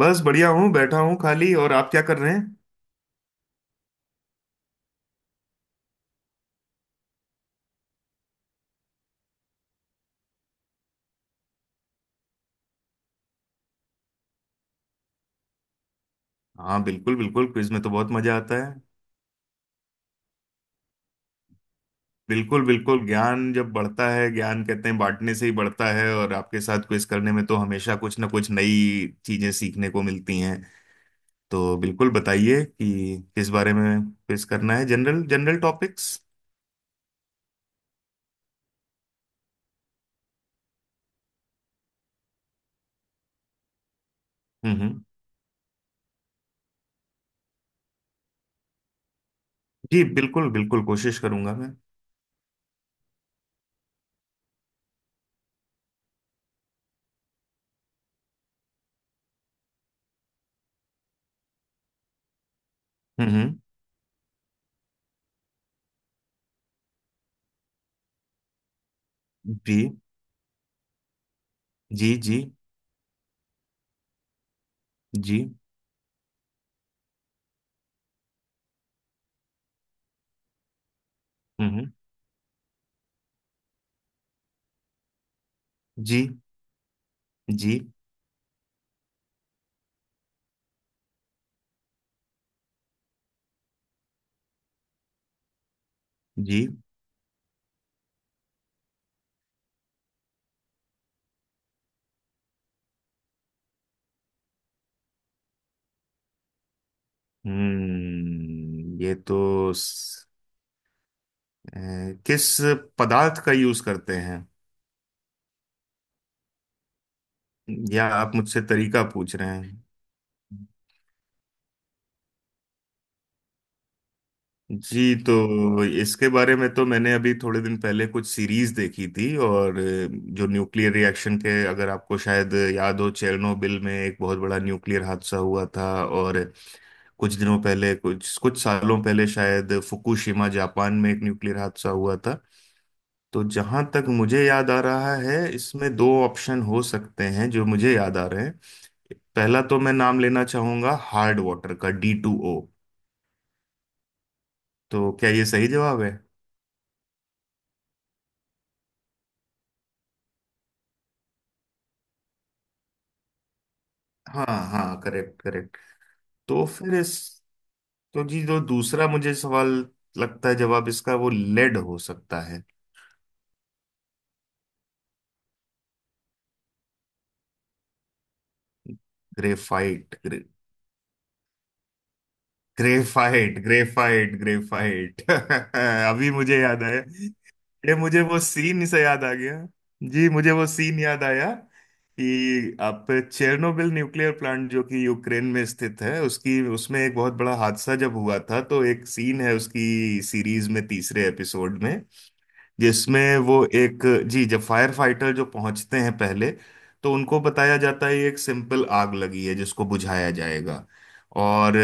बस बढ़िया हूँ, बैठा हूँ खाली। और आप क्या कर रहे हैं? हाँ, बिल्कुल बिल्कुल, क्विज में तो बहुत मजा आता है। बिल्कुल बिल्कुल, ज्ञान जब बढ़ता है, ज्ञान कहते हैं बांटने से ही बढ़ता है, और आपके साथ क्विज करने में तो हमेशा कुछ ना कुछ नई चीजें सीखने को मिलती हैं। तो बिल्कुल बताइए कि किस बारे में क्विज करना है, जनरल जनरल टॉपिक्स। हम्म। जी बिल्कुल बिल्कुल, कोशिश करूंगा मैं। हम्म। जी जी जी जी। हम्म हम्म, जी जी जी। हम्म, ये तो स- अ, किस पदार्थ का यूज करते हैं? या आप मुझसे तरीका पूछ रहे हैं? जी, तो इसके बारे में तो मैंने अभी थोड़े दिन पहले कुछ सीरीज देखी थी, और जो न्यूक्लियर रिएक्शन के, अगर आपको शायद याद हो, चेरनोबिल में एक बहुत बड़ा न्यूक्लियर हादसा हुआ था। और कुछ दिनों पहले, कुछ कुछ सालों पहले, शायद फुकुशिमा जापान में एक न्यूक्लियर हादसा हुआ था। तो जहां तक मुझे याद आ रहा है, इसमें दो ऑप्शन हो सकते हैं जो मुझे याद आ रहे हैं। पहला तो मैं नाम लेना चाहूंगा, हार्ड वाटर का, D2O। तो क्या ये सही जवाब है? हाँ हाँ, करेक्ट करेक्ट। तो फिर इस तो जी, जो दूसरा मुझे सवाल लगता है, जवाब इसका वो लेड हो सकता है। ग्रेफाइट ग्रेफाइट ग्रेफाइट ग्रेफाइट अभी मुझे याद आया। ये मुझे वो सीन से याद आ गया। जी, मुझे वो सीन याद आया कि आप चेर्नोबिल न्यूक्लियर प्लांट, जो कि यूक्रेन में स्थित है, उसकी उसमें एक बहुत बड़ा हादसा जब हुआ था, तो एक सीन है उसकी सीरीज में, तीसरे एपिसोड में, जिसमें वो एक, जी जब फायर फाइटर जो पहुंचते हैं पहले, तो उनको बताया जाता है ये एक सिंपल आग लगी है जिसको बुझाया जाएगा। और,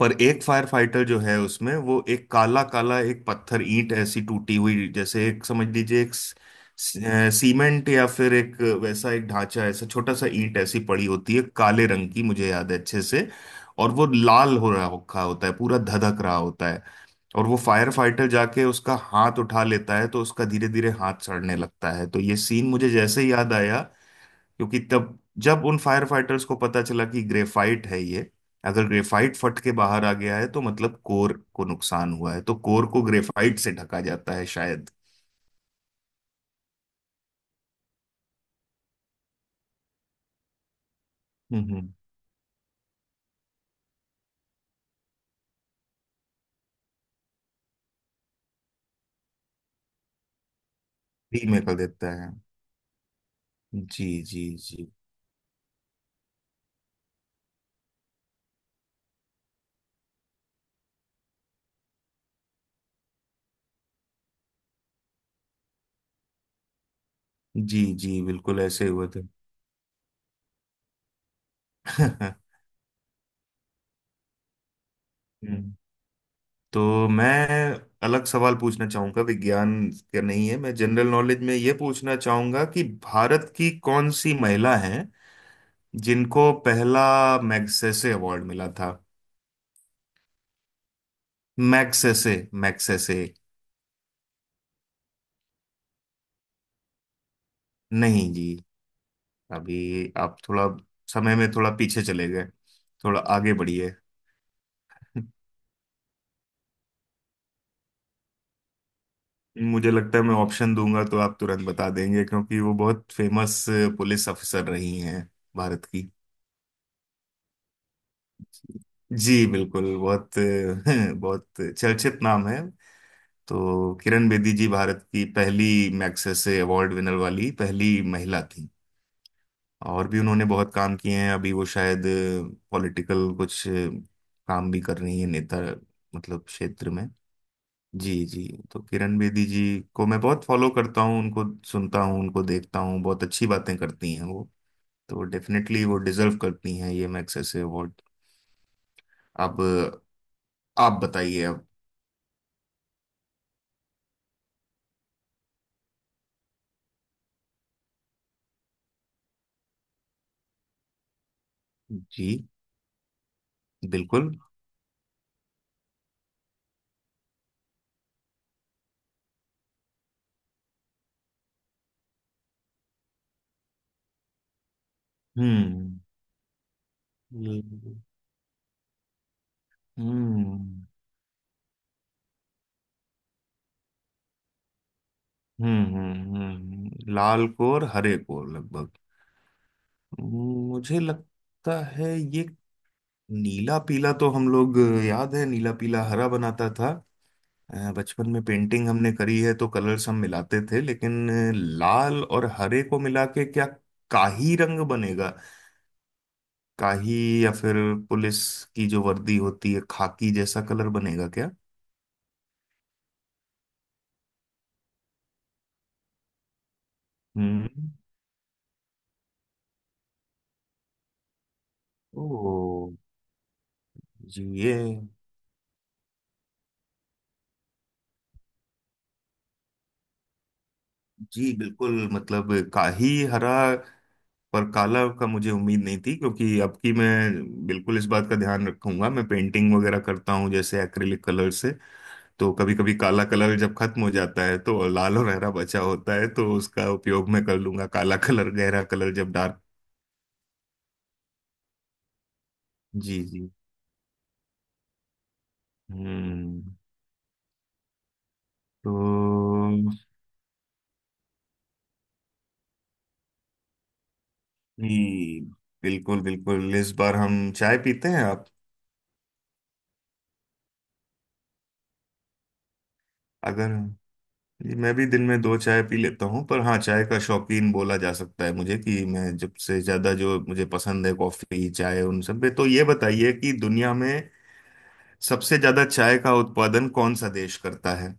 पर एक फायर फाइटर जो है, उसमें वो एक काला काला, एक पत्थर ईंट ऐसी टूटी हुई, जैसे एक समझ लीजिए, एक सीमेंट या फिर एक वैसा एक ढांचा ऐसा, छोटा सा ईंट ऐसी पड़ी होती है काले रंग की, मुझे याद है अच्छे से। और वो लाल हो रहा रखा होता है, पूरा धधक रहा होता है। और वो फायर फाइटर जाके उसका हाथ उठा लेता है, तो उसका धीरे धीरे हाथ सड़ने लगता है। तो ये सीन मुझे जैसे ही याद आया, क्योंकि तब, जब उन फायर फाइटर्स को पता चला कि ग्रेफाइट है ये, अगर ग्रेफाइट फट के बाहर आ गया है तो मतलब कोर को नुकसान हुआ है, तो कोर को ग्रेफाइट से ढका जाता है शायद। हम्म, फ्री में कर देता है। जी जी जी। जी जी बिल्कुल, ऐसे ही हुए थे। हम्म। तो मैं अलग सवाल पूछना चाहूंगा। विज्ञान का नहीं है, मैं जनरल नॉलेज में ये पूछना चाहूंगा कि भारत की कौन सी महिला हैं जिनको पहला मैग्सेसे अवार्ड मिला था? Magsaysay, Magsaysay. नहीं जी, अभी आप थोड़ा समय में थोड़ा पीछे चले गए। थोड़ा आगे बढ़िए। मुझे लगता है मैं ऑप्शन दूंगा तो आप तुरंत बता देंगे, क्योंकि वो बहुत फेमस पुलिस ऑफिसर रही हैं भारत की। जी बिल्कुल, बहुत बहुत चर्चित नाम है। तो किरण बेदी जी भारत की पहली मैग्सेसे अवार्ड विनर वाली पहली महिला थी। और भी उन्होंने बहुत काम किए हैं। अभी वो शायद पॉलिटिकल कुछ काम भी कर रही है, नेता मतलब क्षेत्र में। जी जी। तो किरण बेदी जी को मैं बहुत फॉलो करता हूँ, उनको सुनता हूँ, उनको देखता हूँ, बहुत अच्छी बातें करती हैं वो। तो डेफिनेटली वो डिजर्व करती हैं ये मैग्सेसे से अवार्ड। अब आप बताइए अब। जी बिल्कुल। हम्म हम्म हम्म लाल कोर हरे कोर लगभग, मुझे लगता है ये, नीला पीला तो हम लोग, याद है नीला पीला हरा बनाता था, बचपन में पेंटिंग हमने करी है तो कलर्स हम मिलाते थे। लेकिन लाल और हरे को मिला के क्या काही रंग बनेगा? काही, या फिर पुलिस की जो वर्दी होती है खाकी जैसा कलर बनेगा क्या? हम्म। ओ। जी ये, जी बिल्कुल, मतलब काही हरा। पर काला का मुझे उम्मीद नहीं थी। क्योंकि अब की मैं बिल्कुल इस बात का ध्यान रखूंगा, मैं पेंटिंग वगैरह करता हूँ जैसे एक्रिलिक कलर से, तो कभी कभी काला कलर जब खत्म हो जाता है तो लाल और हरा बचा होता है, तो उसका उपयोग मैं कर लूंगा काला कलर, गहरा कलर जब डार्क। जी जी। हम्म। तो जी बिल्कुल बिल्कुल, इस बार हम चाय पीते हैं आप? अगर, जी मैं भी दिन में दो चाय पी लेता हूँ, पर हाँ चाय का शौकीन बोला जा सकता है मुझे कि मैं, जब से ज्यादा जो मुझे पसंद है कॉफी चाय उन सब में। तो ये बताइए कि दुनिया में सबसे ज्यादा चाय का उत्पादन कौन सा देश करता है?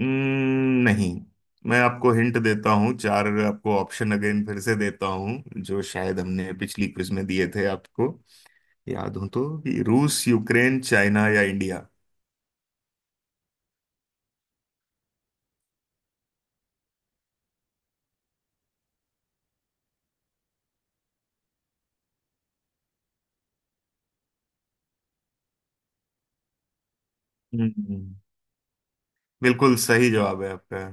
नहीं, मैं आपको हिंट देता हूँ। चार आपको ऑप्शन अगेन फिर से देता हूँ जो शायद हमने पिछली क्विज में दिए थे आपको, याद हो तो। कि रूस, यूक्रेन, चाइना या इंडिया? हम्म, बिल्कुल सही जवाब है आपका।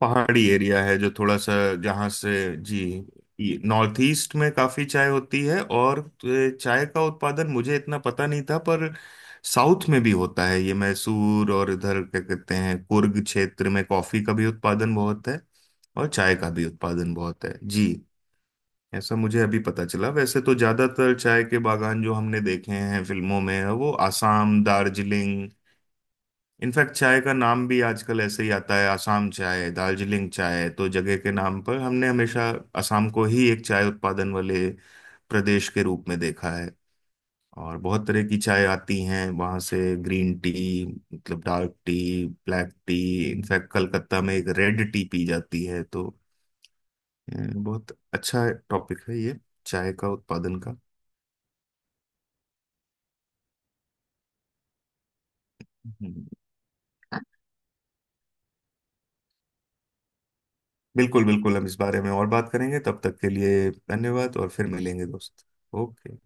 पहाड़ी एरिया है जो थोड़ा सा, जहाँ से, जी नॉर्थ ईस्ट में काफी चाय होती है। और चाय का उत्पादन मुझे इतना पता नहीं था, पर साउथ में भी होता है ये मैसूर और इधर क्या कहते हैं कुर्ग क्षेत्र में, कॉफी का भी उत्पादन बहुत है और चाय का भी उत्पादन बहुत है जी। ऐसा मुझे अभी पता चला, वैसे तो ज्यादातर चाय के बागान जो हमने देखे हैं फिल्मों में, वो आसाम, दार्जिलिंग। इनफैक्ट चाय का नाम भी आजकल ऐसे ही आता है, आसाम चाय, दार्जिलिंग चाय। तो जगह के नाम पर हमने हमेशा आसाम को ही एक चाय उत्पादन वाले प्रदेश के रूप में देखा है। और बहुत तरह की चाय आती हैं वहाँ से, ग्रीन टी, मतलब dark tea, black tea, in fact Calcutta में एक रेड टी पी जाती है तो, बहुत अच्छा टॉपिक है ये, चाय का उत्पादन का। हम्म। बिल्कुल बिल्कुल, हम इस बारे में और बात करेंगे। तब तक के लिए धन्यवाद और फिर मिलेंगे दोस्त। ओके।